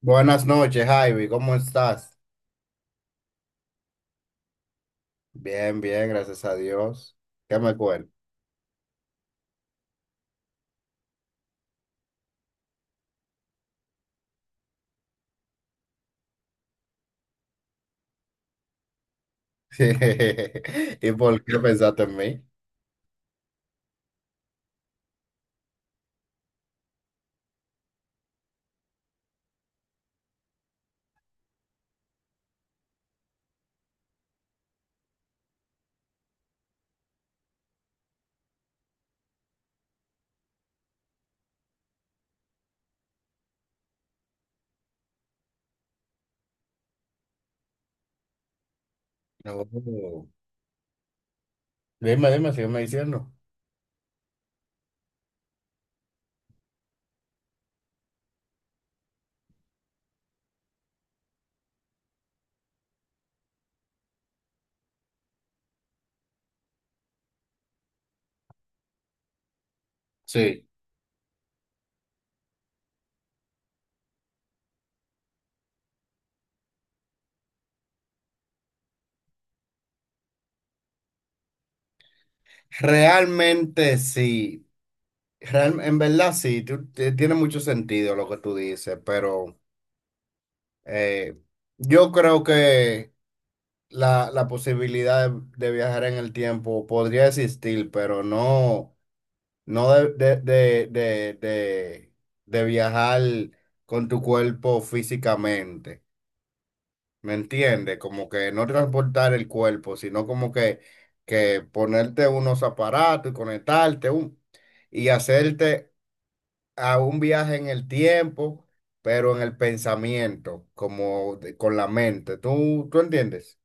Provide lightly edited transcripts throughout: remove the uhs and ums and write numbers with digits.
Buenas noches, Javi, ¿cómo estás? Bien, bien, gracias a Dios. ¿Qué me cuentas? ¿Y por qué pensaste en mí? No. Dime, dime, sígueme diciendo. Sí. Realmente sí. En verdad sí, tiene mucho sentido lo que tú dices, pero eh, yo creo que la posibilidad de viajar en el tiempo podría existir, pero no. No de viajar con tu cuerpo físicamente, ¿me entiendes? Como que no transportar el cuerpo, sino como que ponerte unos aparatos y y hacerte a un viaje en el tiempo, pero en el pensamiento, con la mente. Tú entiendes?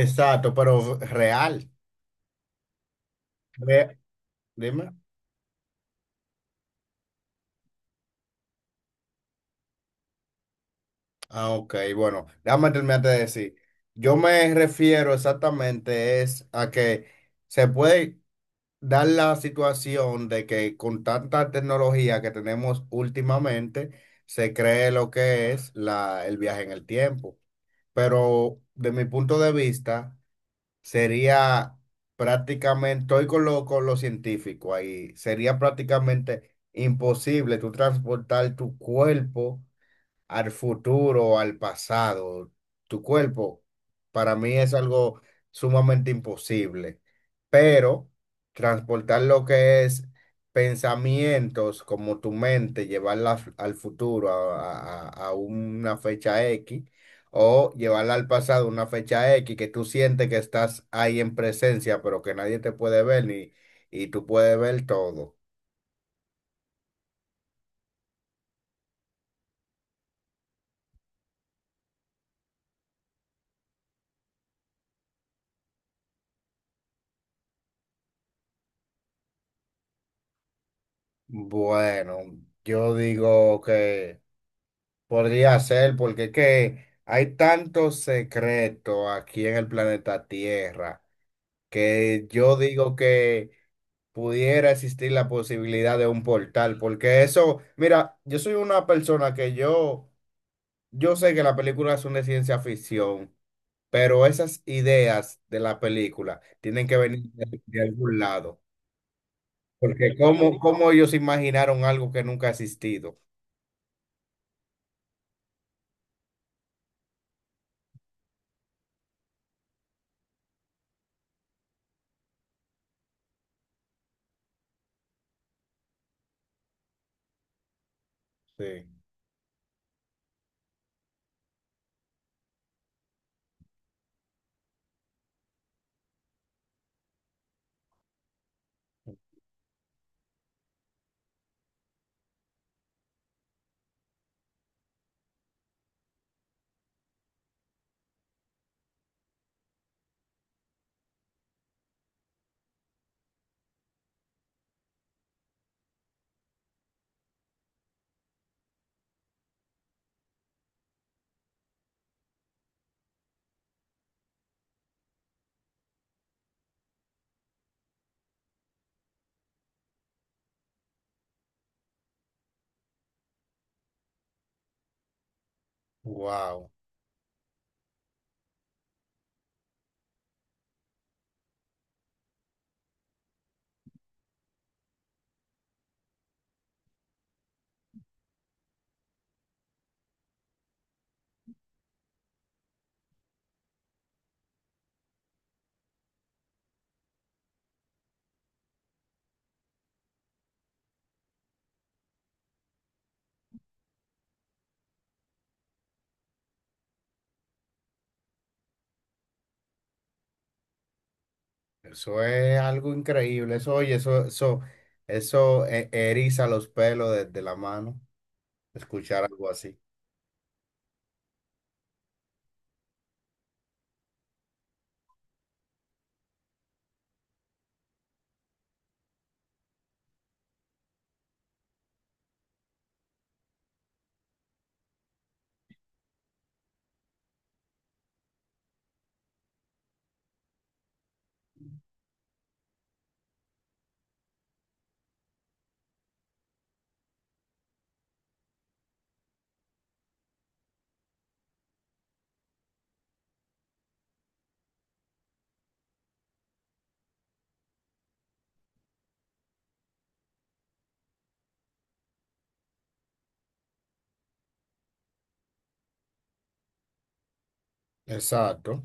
Exacto, pero real. Re- Dime. Ah, ok, bueno, déjame terminarte de decir. Yo me refiero exactamente es a que se puede dar la situación de que con tanta tecnología que tenemos últimamente, se cree lo que es el viaje en el tiempo. Pero de mi punto de vista, sería prácticamente, estoy con lo científico ahí, sería prácticamente imposible tú transportar tu cuerpo al futuro o al pasado. Tu cuerpo, para mí es algo sumamente imposible, pero transportar lo que es pensamientos como tu mente, al futuro, a una fecha X, o llevarla al pasado, una fecha X, que tú sientes que estás ahí en presencia, pero que nadie te puede ver ni, y tú puedes ver todo. Bueno, yo digo que... Podría ser, porque es que hay tanto secreto aquí en el planeta Tierra que yo digo que pudiera existir la posibilidad de un portal. Porque eso, mira, yo soy una persona que yo sé que las películas son de ciencia ficción, pero esas ideas de la película tienen que venir de algún lado, porque cómo, cómo ellos imaginaron algo que nunca ha existido. Sí. Wow. Eso es algo increíble. Eso, oye, eso eriza los pelos de la mano, escuchar algo así. Exacto,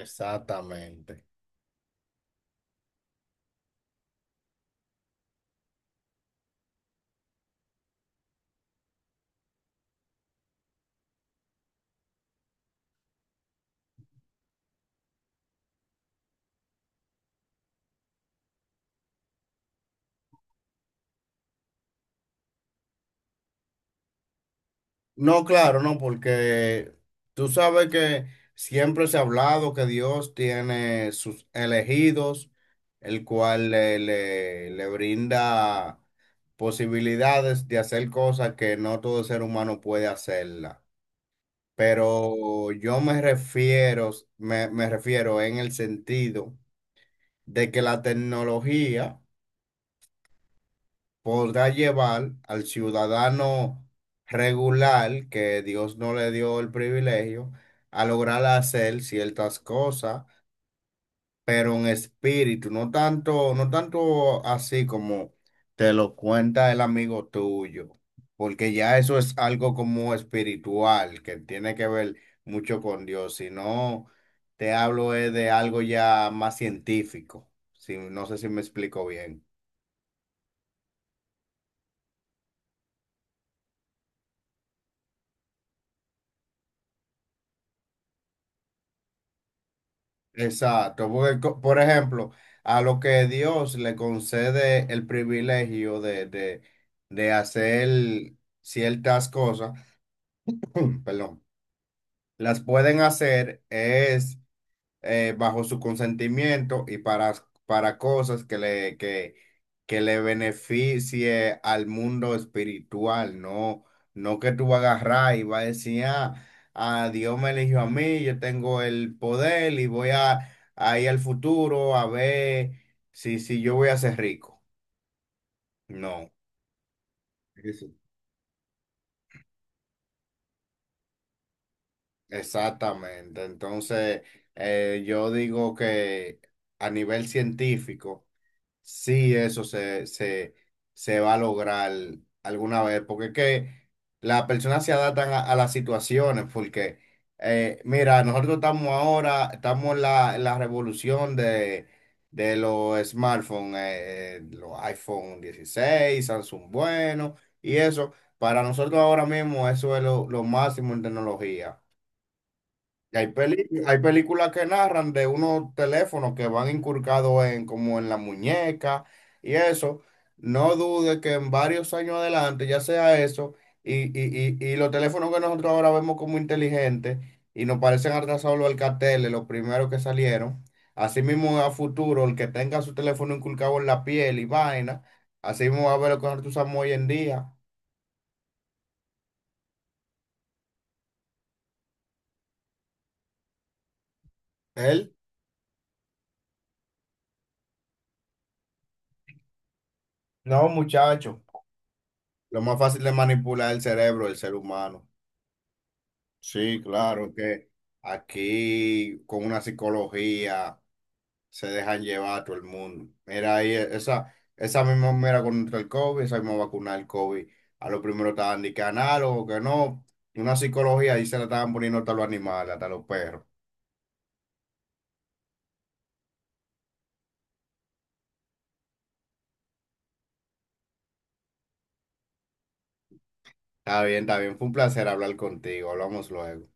exactamente. No, claro, no, porque tú sabes que siempre se ha hablado que Dios tiene sus elegidos, el cual le brinda posibilidades de hacer cosas que no todo ser humano puede hacerla. Pero yo me refiero, me refiero en el sentido de que la tecnología podrá llevar al ciudadano regular, que Dios no le dio el privilegio, a lograr hacer ciertas cosas pero en espíritu, no tanto, no tanto así como te lo cuenta el amigo tuyo, porque ya eso es algo como espiritual, que tiene que ver mucho con Dios, sino te hablo es de algo ya más científico, si, no sé si me explico bien. Exacto, porque por ejemplo, a lo que Dios le concede el privilegio de hacer ciertas cosas, perdón. Las pueden hacer es bajo su consentimiento y para cosas que que le beneficie al mundo espiritual, no, no que tú vas a agarrar y vas a decir, ah, ah, Dios me eligió a mí, yo tengo el poder y voy a ir al futuro a ver si, si yo voy a ser rico. No, eso. Exactamente. Entonces, yo digo que a nivel científico, sí, eso se va a lograr alguna vez, porque es que las personas se adaptan a las situaciones, porque mira, nosotros estamos ahora, estamos en en la revolución de los smartphones, los iPhone 16 Samsung bueno, y eso, para nosotros ahora mismo eso es lo máximo en tecnología. Y hay hay películas que narran de unos teléfonos que van incurcados en como en la muñeca y eso. No dude que en varios años adelante ya sea eso y, y los teléfonos que nosotros ahora vemos como inteligentes y nos parecen atrasados los alcateles, los primeros que salieron. Así mismo a futuro, el que tenga su teléfono inculcado en la piel y vaina, así mismo va a ver lo que nosotros usamos hoy en día. Él, no, muchacho, lo más fácil de manipular el cerebro del ser humano. Sí, claro, que aquí con una psicología se dejan llevar a todo el mundo. Mira, ahí esa, esa misma mera contra el COVID, esa misma vacuna del COVID, a lo primero estaban de que análogo, que no, una psicología ahí se la estaban poniendo hasta los animales, hasta los perros. Está bien, fue un placer hablar contigo, hablamos luego.